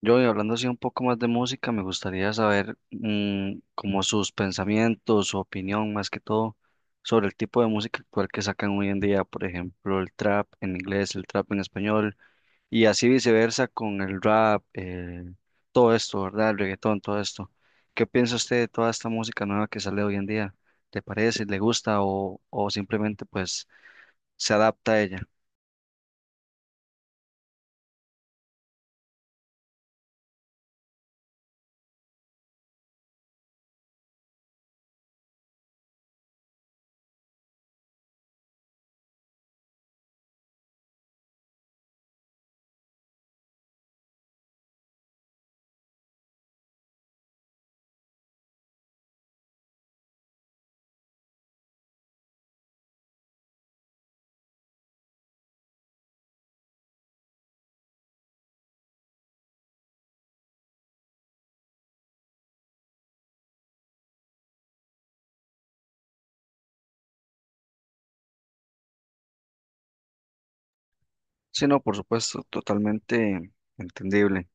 Yo, y hablando así un poco más de música, me gustaría saber como sus pensamientos, su opinión más que todo sobre el tipo de música actual que sacan hoy en día, por ejemplo, el trap en inglés, el trap en español y así viceversa con el rap, todo esto, ¿verdad? El reggaetón, todo esto. ¿Qué piensa usted de toda esta música nueva que sale hoy en día? ¿Le parece, le gusta o simplemente pues se adapta a ella? Sí, no, por supuesto, totalmente entendible.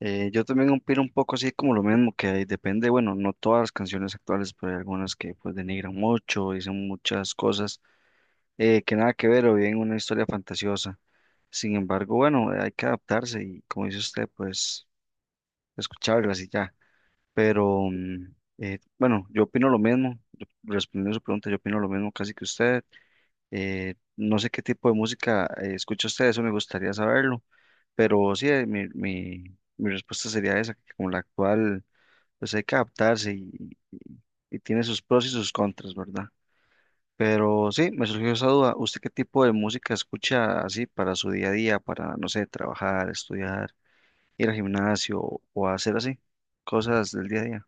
Yo también opino un poco así como lo mismo, que depende, bueno, no todas las canciones actuales, pero hay algunas que pues denigran mucho, dicen muchas cosas que nada que ver o bien una historia fantasiosa. Sin embargo, bueno, hay que adaptarse y como dice usted, pues escucharlas y ya. Pero bueno, yo opino lo mismo, respondiendo a su pregunta, yo opino lo mismo casi que usted. No sé qué tipo de música escucha usted, eso me gustaría saberlo, pero sí, mi respuesta sería esa, que como la actual, pues hay que adaptarse y tiene sus pros y sus contras, ¿verdad? Pero sí, me surgió esa duda, ¿usted qué tipo de música escucha así para su día a día, para, no sé, trabajar, estudiar, ir al gimnasio o hacer así cosas del día a día?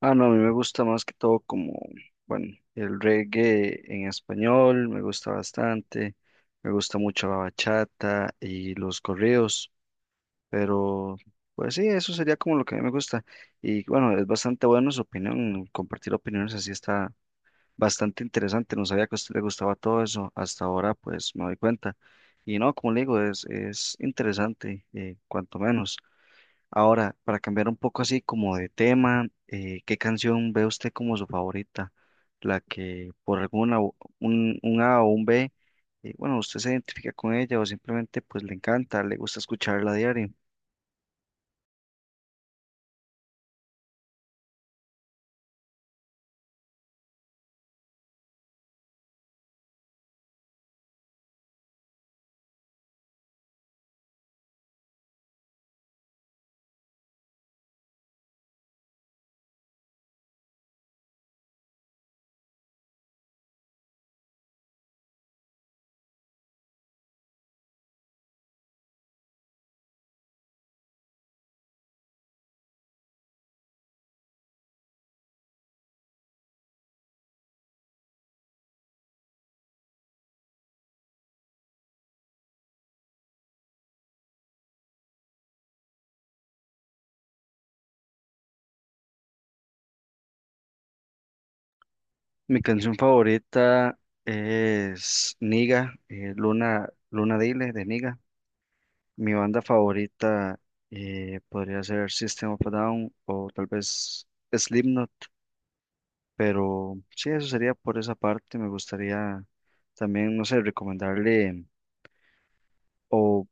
Ah, no, a mí me gusta más que todo como, bueno, el reggae en español me gusta bastante, me gusta mucho la bachata y los corridos, pero pues sí, eso sería como lo que a mí me gusta. Y bueno, es bastante bueno su opinión, compartir opiniones así está bastante interesante, no sabía que a usted le gustaba todo eso, hasta ahora pues me doy cuenta. Y no, como le digo, es interesante, cuanto menos. Ahora, para cambiar un poco así como de tema, ¿qué canción ve usted como su favorita? La que por alguna, un A o un B, bueno, usted se identifica con ella o simplemente pues le encanta, le gusta escucharla a diario. Mi canción favorita es Niga, Luna, Luna Dile de Niga. Mi banda favorita podría ser System of a Down o tal vez Slipknot. Pero sí, eso sería por esa parte. Me gustaría también, no sé, recomendarle o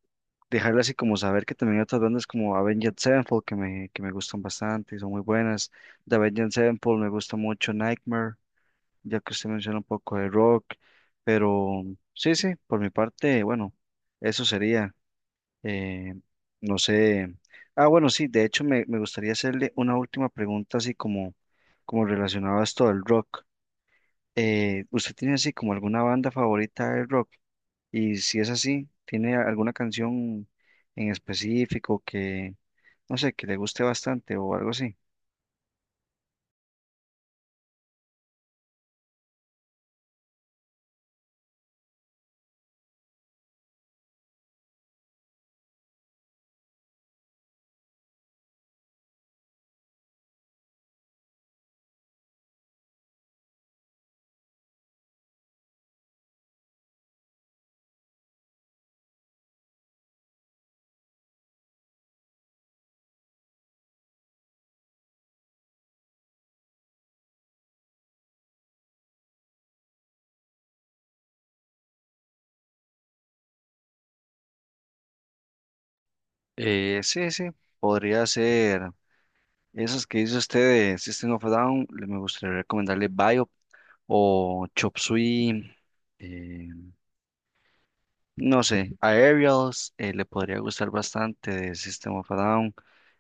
dejarle así como saber que también hay otras bandas como Avenged Sevenfold que me gustan bastante y son muy buenas. De Avenged Sevenfold me gusta mucho Nightmare, ya que usted menciona un poco de rock. Pero sí, sí, por mi parte, bueno, eso sería. eh, no sé. Ah, bueno, sí, de hecho me gustaría hacerle una última pregunta así como, como relacionada a esto del rock. ¿Usted tiene así como alguna banda favorita de rock? Y si es así, ¿tiene alguna canción en específico que, no sé, que le guste bastante o algo así? Sí, sí, podría ser esas que dice usted de System of a Down, me gustaría recomendarle Biop o Chop Suey, eh, no sé, Aerials, le podría gustar bastante de System of a Down,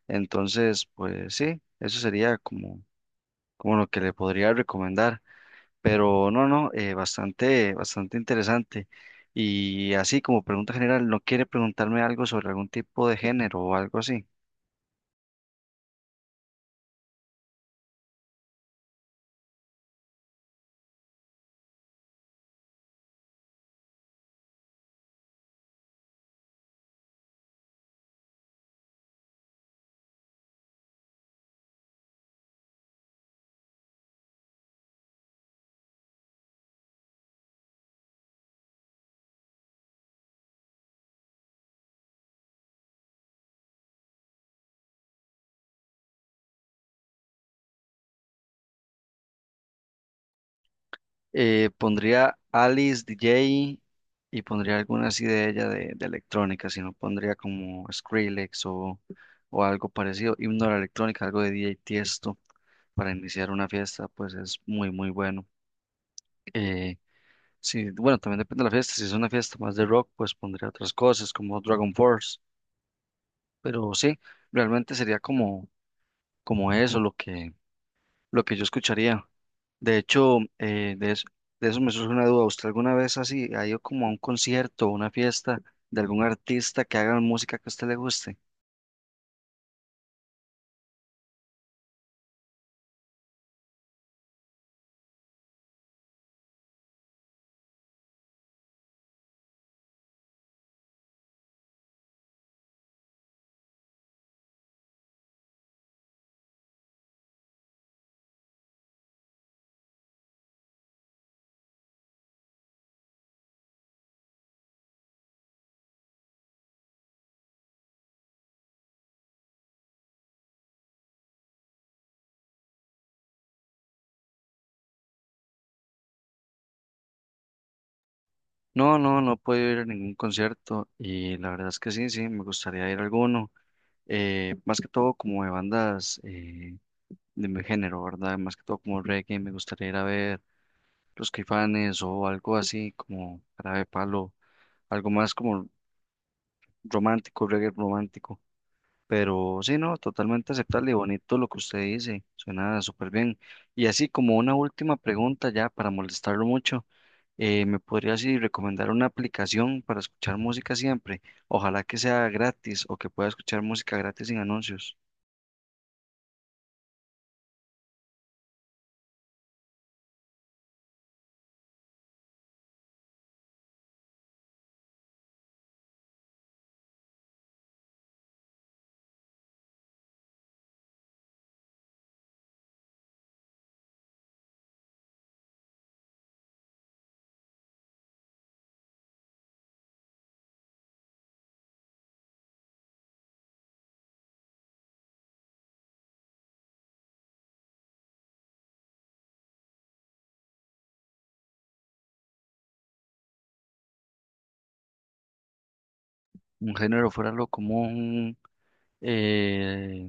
entonces, pues sí, eso sería como, como lo que le podría recomendar. Pero no, no, bastante, bastante interesante. Y así como pregunta general, ¿no quiere preguntarme algo sobre algún tipo de género o algo así? Pondría Alice DJ y pondría alguna así de ella de electrónica, si no pondría como Skrillex o algo parecido, himno de la electrónica, algo de DJ Tiesto para iniciar una fiesta, pues es muy, muy bueno. Eh, sí, bueno, también depende de la fiesta, si es una fiesta más de rock, pues pondría otras cosas como Dragon Force. Pero sí, realmente sería como, como eso lo que yo escucharía. De hecho, de eso me surge una duda. ¿Usted alguna vez así ha ido como a un concierto o una fiesta de algún artista que haga música que a usted le guste? No, no, no puedo ir a ningún concierto y la verdad es que sí, sí, me gustaría ir a alguno. Más que todo como de bandas de mi género, ¿verdad? Más que todo como reggae, me gustaría ir a ver Los Caifanes o algo así como Jarabe de Palo, algo más como romántico, reggae romántico. Pero sí, no, totalmente aceptable y bonito lo que usted dice, suena súper bien. Y así como una última pregunta ya para molestarlo mucho, ¿me podría así recomendar una aplicación para escuchar música siempre? Ojalá que sea gratis o que pueda escuchar música gratis sin anuncios. Un género fuera lo común, eh,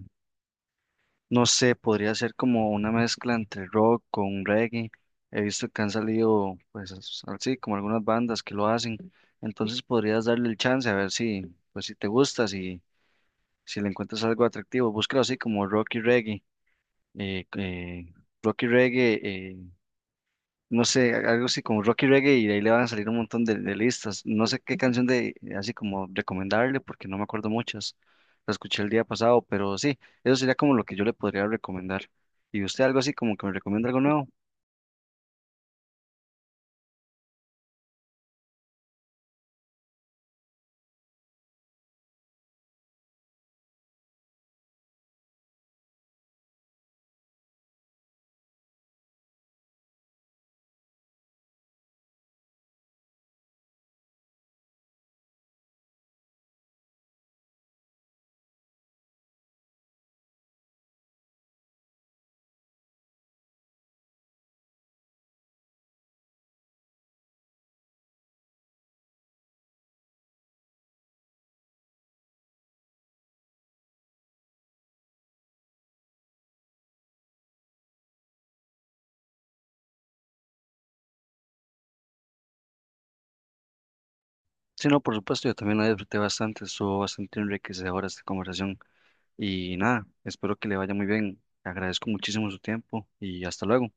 no sé, podría ser como una mezcla entre rock con reggae. He visto que han salido, pues así, como algunas bandas que lo hacen. Entonces podrías darle el chance a ver si, pues si te gusta, si, si le encuentras algo atractivo. Búscalo así como rock y reggae. eh, eh, Rock y reggae, no sé, algo así como Rocky Reggae y de ahí le van a salir un montón de listas. No sé qué canción de así como recomendarle porque no me acuerdo muchas. La escuché el día pasado, pero sí, eso sería como lo que yo le podría recomendar. ¿Y usted algo así como que me recomienda algo nuevo? Sí, no, por supuesto, yo también la disfruté bastante, estuvo bastante enriquecedora esta conversación. Y nada, espero que le vaya muy bien. Agradezco muchísimo su tiempo y hasta luego.